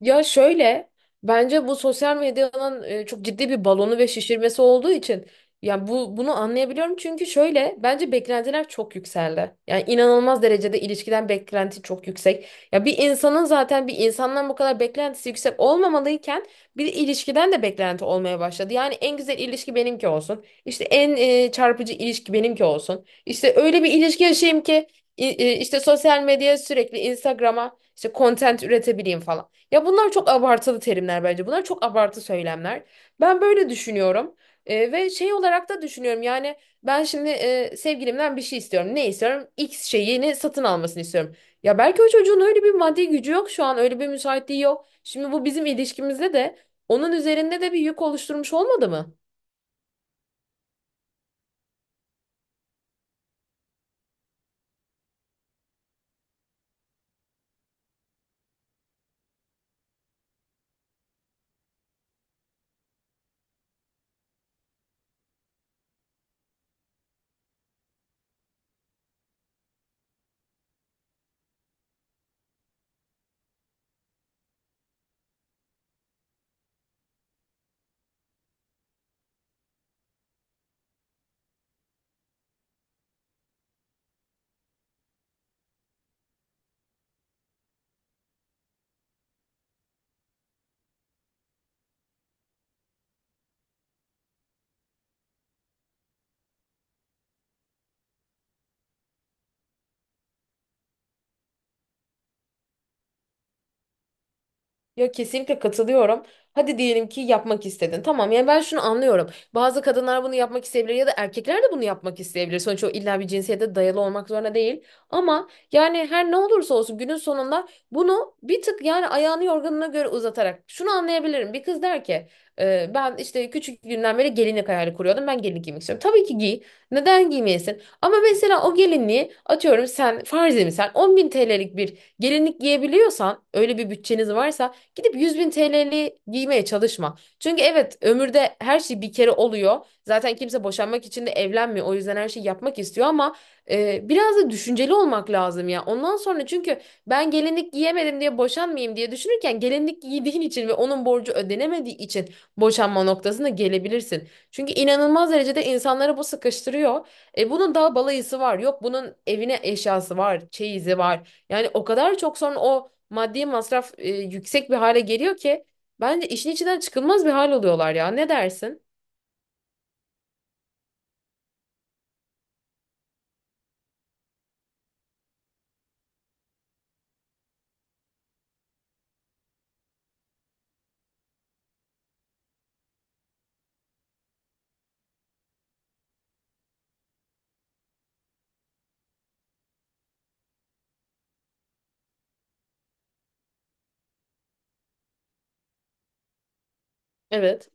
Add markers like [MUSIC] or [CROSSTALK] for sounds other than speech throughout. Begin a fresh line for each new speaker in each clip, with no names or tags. Ya şöyle bence bu sosyal medyanın çok ciddi bir balonu ve şişirmesi olduğu için yani bunu anlayabiliyorum çünkü şöyle bence beklentiler çok yükseldi. Yani inanılmaz derecede ilişkiden beklenti çok yüksek. Ya bir insanın zaten bir insandan bu kadar beklentisi yüksek olmamalıyken bir de ilişkiden de beklenti olmaya başladı. Yani en güzel ilişki benimki olsun. İşte en çarpıcı ilişki benimki olsun. İşte öyle bir ilişki yaşayayım ki işte sosyal medyaya sürekli Instagram'a işte content üretebileyim falan. Ya bunlar çok abartılı terimler bence. Bunlar çok abartı söylemler. Ben böyle düşünüyorum. Ve şey olarak da düşünüyorum yani ben şimdi sevgilimden bir şey istiyorum. Ne istiyorum? X şeyini satın almasını istiyorum. Ya belki o çocuğun öyle bir maddi gücü yok şu an öyle bir müsaitliği yok. Şimdi bu bizim ilişkimizde de onun üzerinde de bir yük oluşturmuş olmadı mı? Ya kesinlikle katılıyorum. Hadi diyelim ki yapmak istedin. Tamam yani ben şunu anlıyorum. Bazı kadınlar bunu yapmak isteyebilir ya da erkekler de bunu yapmak isteyebilir. Sonuçta o illa bir cinsiyete dayalı olmak zorunda değil. Ama yani her ne olursa olsun günün sonunda bunu bir tık yani ayağını yorganına göre uzatarak şunu anlayabilirim. Bir kız der ki Ben işte küçük günden beri gelinlik hayali kuruyordum. Ben gelinlik giymek istiyorum. Tabii ki giy. Neden giymeyesin? Ama mesela o gelinliği atıyorum, sen farzi misal 10 bin TL'lik bir gelinlik giyebiliyorsan, öyle bir bütçeniz varsa, gidip 100.000 TL'li giymeye çalışma. Çünkü evet ömürde her şey bir kere oluyor. Zaten kimse boşanmak için de evlenmiyor. O yüzden her şeyi yapmak istiyor ama biraz da düşünceli olmak lazım ya. Ondan sonra çünkü ben gelinlik giyemedim diye boşanmayayım diye düşünürken gelinlik giydiğin için ve onun borcu ödenemediği için boşanma noktasına gelebilirsin. Çünkü inanılmaz derecede insanları bu sıkıştırıyor. Bunun daha balayısı var. Yok bunun evine eşyası var, çeyizi var. Yani o kadar çok sonra o maddi masraf yüksek bir hale geliyor ki bence işin içinden çıkılmaz bir hal oluyorlar ya. Ne dersin? Evet.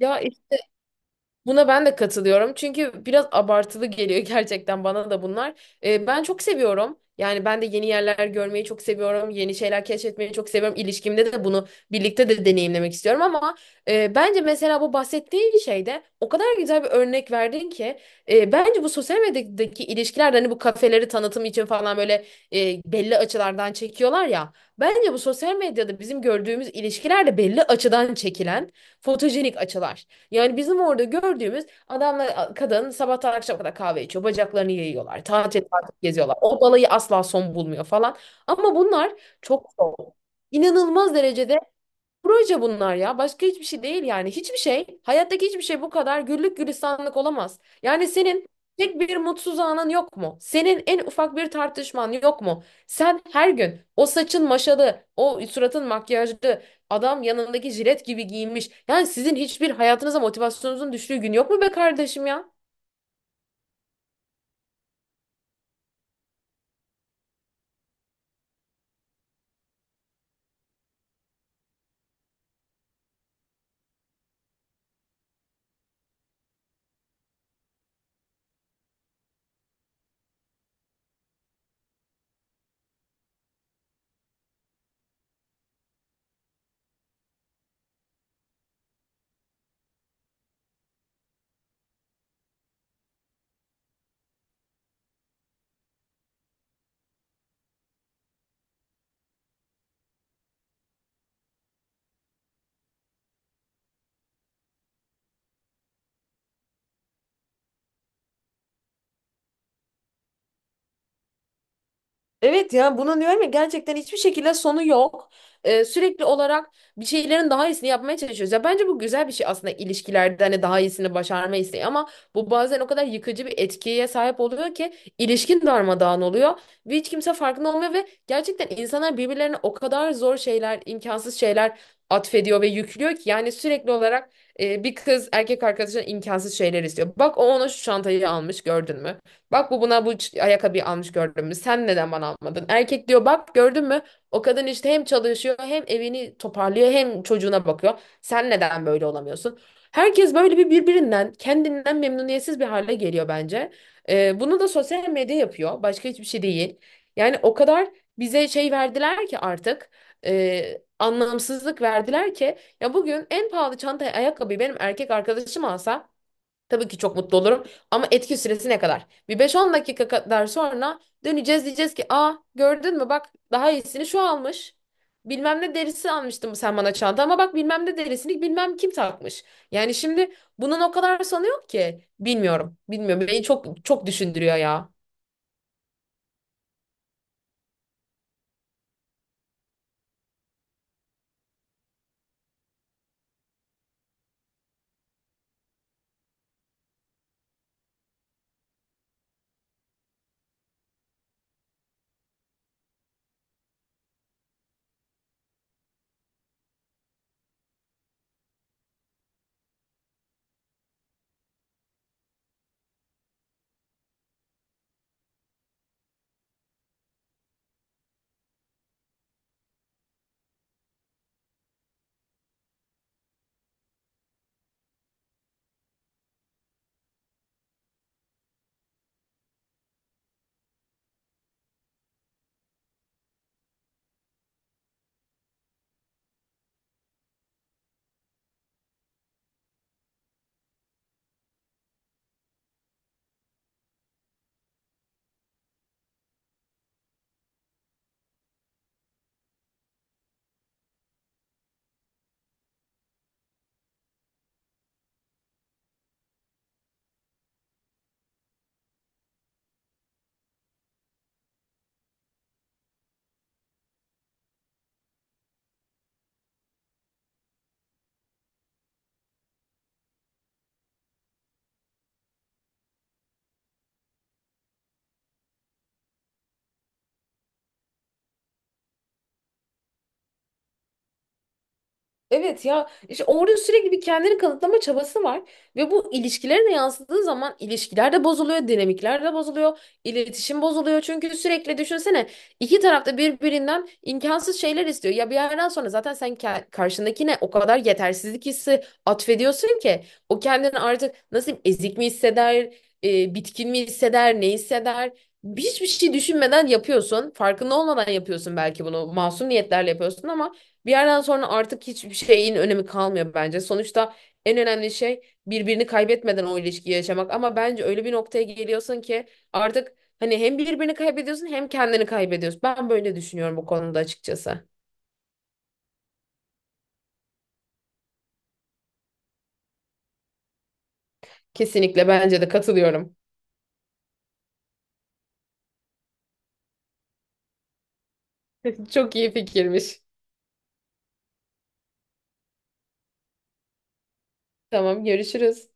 Ya buna ben de katılıyorum. Çünkü biraz abartılı geliyor [LAUGHS] gerçekten bana da bunlar. Ben çok seviyorum. Yani ben de yeni yerler görmeyi çok seviyorum. Yeni şeyler keşfetmeyi çok seviyorum. İlişkimde de bunu birlikte de deneyimlemek istiyorum ama bence mesela bu bahsettiğin şeyde o kadar güzel bir örnek verdin ki bence bu sosyal medyadaki ilişkiler de hani bu kafeleri tanıtım için falan böyle belli açılardan çekiyorlar ya. Bence bu sosyal medyada bizim gördüğümüz ilişkiler de belli açıdan çekilen fotojenik açılar. Yani bizim orada gördüğümüz adamla kadın sabahtan akşama kadar kahve içiyor. Bacaklarını yayıyorlar. Tatil tatil geziyorlar. O balayı asla son bulmuyor falan. Ama bunlar çok zor. İnanılmaz derecede proje bunlar ya. Başka hiçbir şey değil yani. Hiçbir şey, hayattaki hiçbir şey bu kadar güllük gülistanlık olamaz. Yani senin tek bir mutsuz anın yok mu? Senin en ufak bir tartışman yok mu? Sen her gün o saçın maşalı, o suratın makyajlı, adam yanındaki jilet gibi giyinmiş. Yani sizin hiçbir hayatınıza motivasyonunuzun düştüğü gün yok mu be kardeşim ya? Evet ya bunu diyorum ya, gerçekten hiçbir şekilde sonu yok. Sürekli olarak bir şeylerin daha iyisini yapmaya çalışıyoruz. Ya bence bu güzel bir şey aslında ilişkilerde, hani daha iyisini başarma isteği, ama bu bazen o kadar yıkıcı bir etkiye sahip oluyor ki ilişkin darmadağın oluyor ve hiç kimse farkında olmuyor ve gerçekten insanlar birbirlerine o kadar zor şeyler, imkansız şeyler atfediyor ve yüklüyor ki yani sürekli olarak bir kız erkek arkadaşına imkansız şeyler istiyor. Bak o ona şu çantayı almış gördün mü? Bak bu buna bu ayakkabıyı almış gördün mü? Sen neden bana almadın? Erkek diyor bak gördün mü? O kadın işte hem çalışıyor hem evini toparlıyor hem çocuğuna bakıyor. Sen neden böyle olamıyorsun? Herkes böyle bir birbirinden, kendinden memnuniyetsiz bir hale geliyor bence. Bunu da sosyal medya yapıyor. Başka hiçbir şey değil. Yani o kadar bize şey verdiler ki artık anlamsızlık verdiler ki, ya bugün en pahalı çantayı, ayakkabıyı benim erkek arkadaşım alsa tabii ki çok mutlu olurum ama etki süresi ne kadar? Bir beş on dakika kadar sonra döneceğiz, diyeceğiz ki aa gördün mü bak, daha iyisini şu almış. Bilmem ne derisi almıştım sen bana çanta, ama bak bilmem ne derisini bilmem kim takmış. Yani şimdi bundan o kadar sanıyor ki, bilmiyorum. Bilmiyorum. Beni çok çok düşündürüyor ya. Evet ya işte orada sürekli bir kendini kanıtlama çabası var ve bu ilişkilere de yansıdığı zaman ilişkiler de bozuluyor, dinamikler de bozuluyor, iletişim bozuluyor. Çünkü sürekli düşünsene, iki tarafta birbirinden imkansız şeyler istiyor. Ya bir yerden sonra zaten karşındakine o kadar yetersizlik hissi atfediyorsun ki o kendini artık nasıl diyeyim, ezik mi hisseder, bitkin mi hisseder, ne hisseder? Hiçbir şey düşünmeden yapıyorsun. Farkında olmadan yapıyorsun belki bunu. Masum niyetlerle yapıyorsun ama bir yerden sonra artık hiçbir şeyin önemi kalmıyor bence. Sonuçta en önemli şey birbirini kaybetmeden o ilişkiyi yaşamak. Ama bence öyle bir noktaya geliyorsun ki artık hani hem birbirini kaybediyorsun hem kendini kaybediyorsun. Ben böyle düşünüyorum bu konuda açıkçası. Kesinlikle bence de katılıyorum. [LAUGHS] Çok iyi fikirmiş. Tamam, görüşürüz.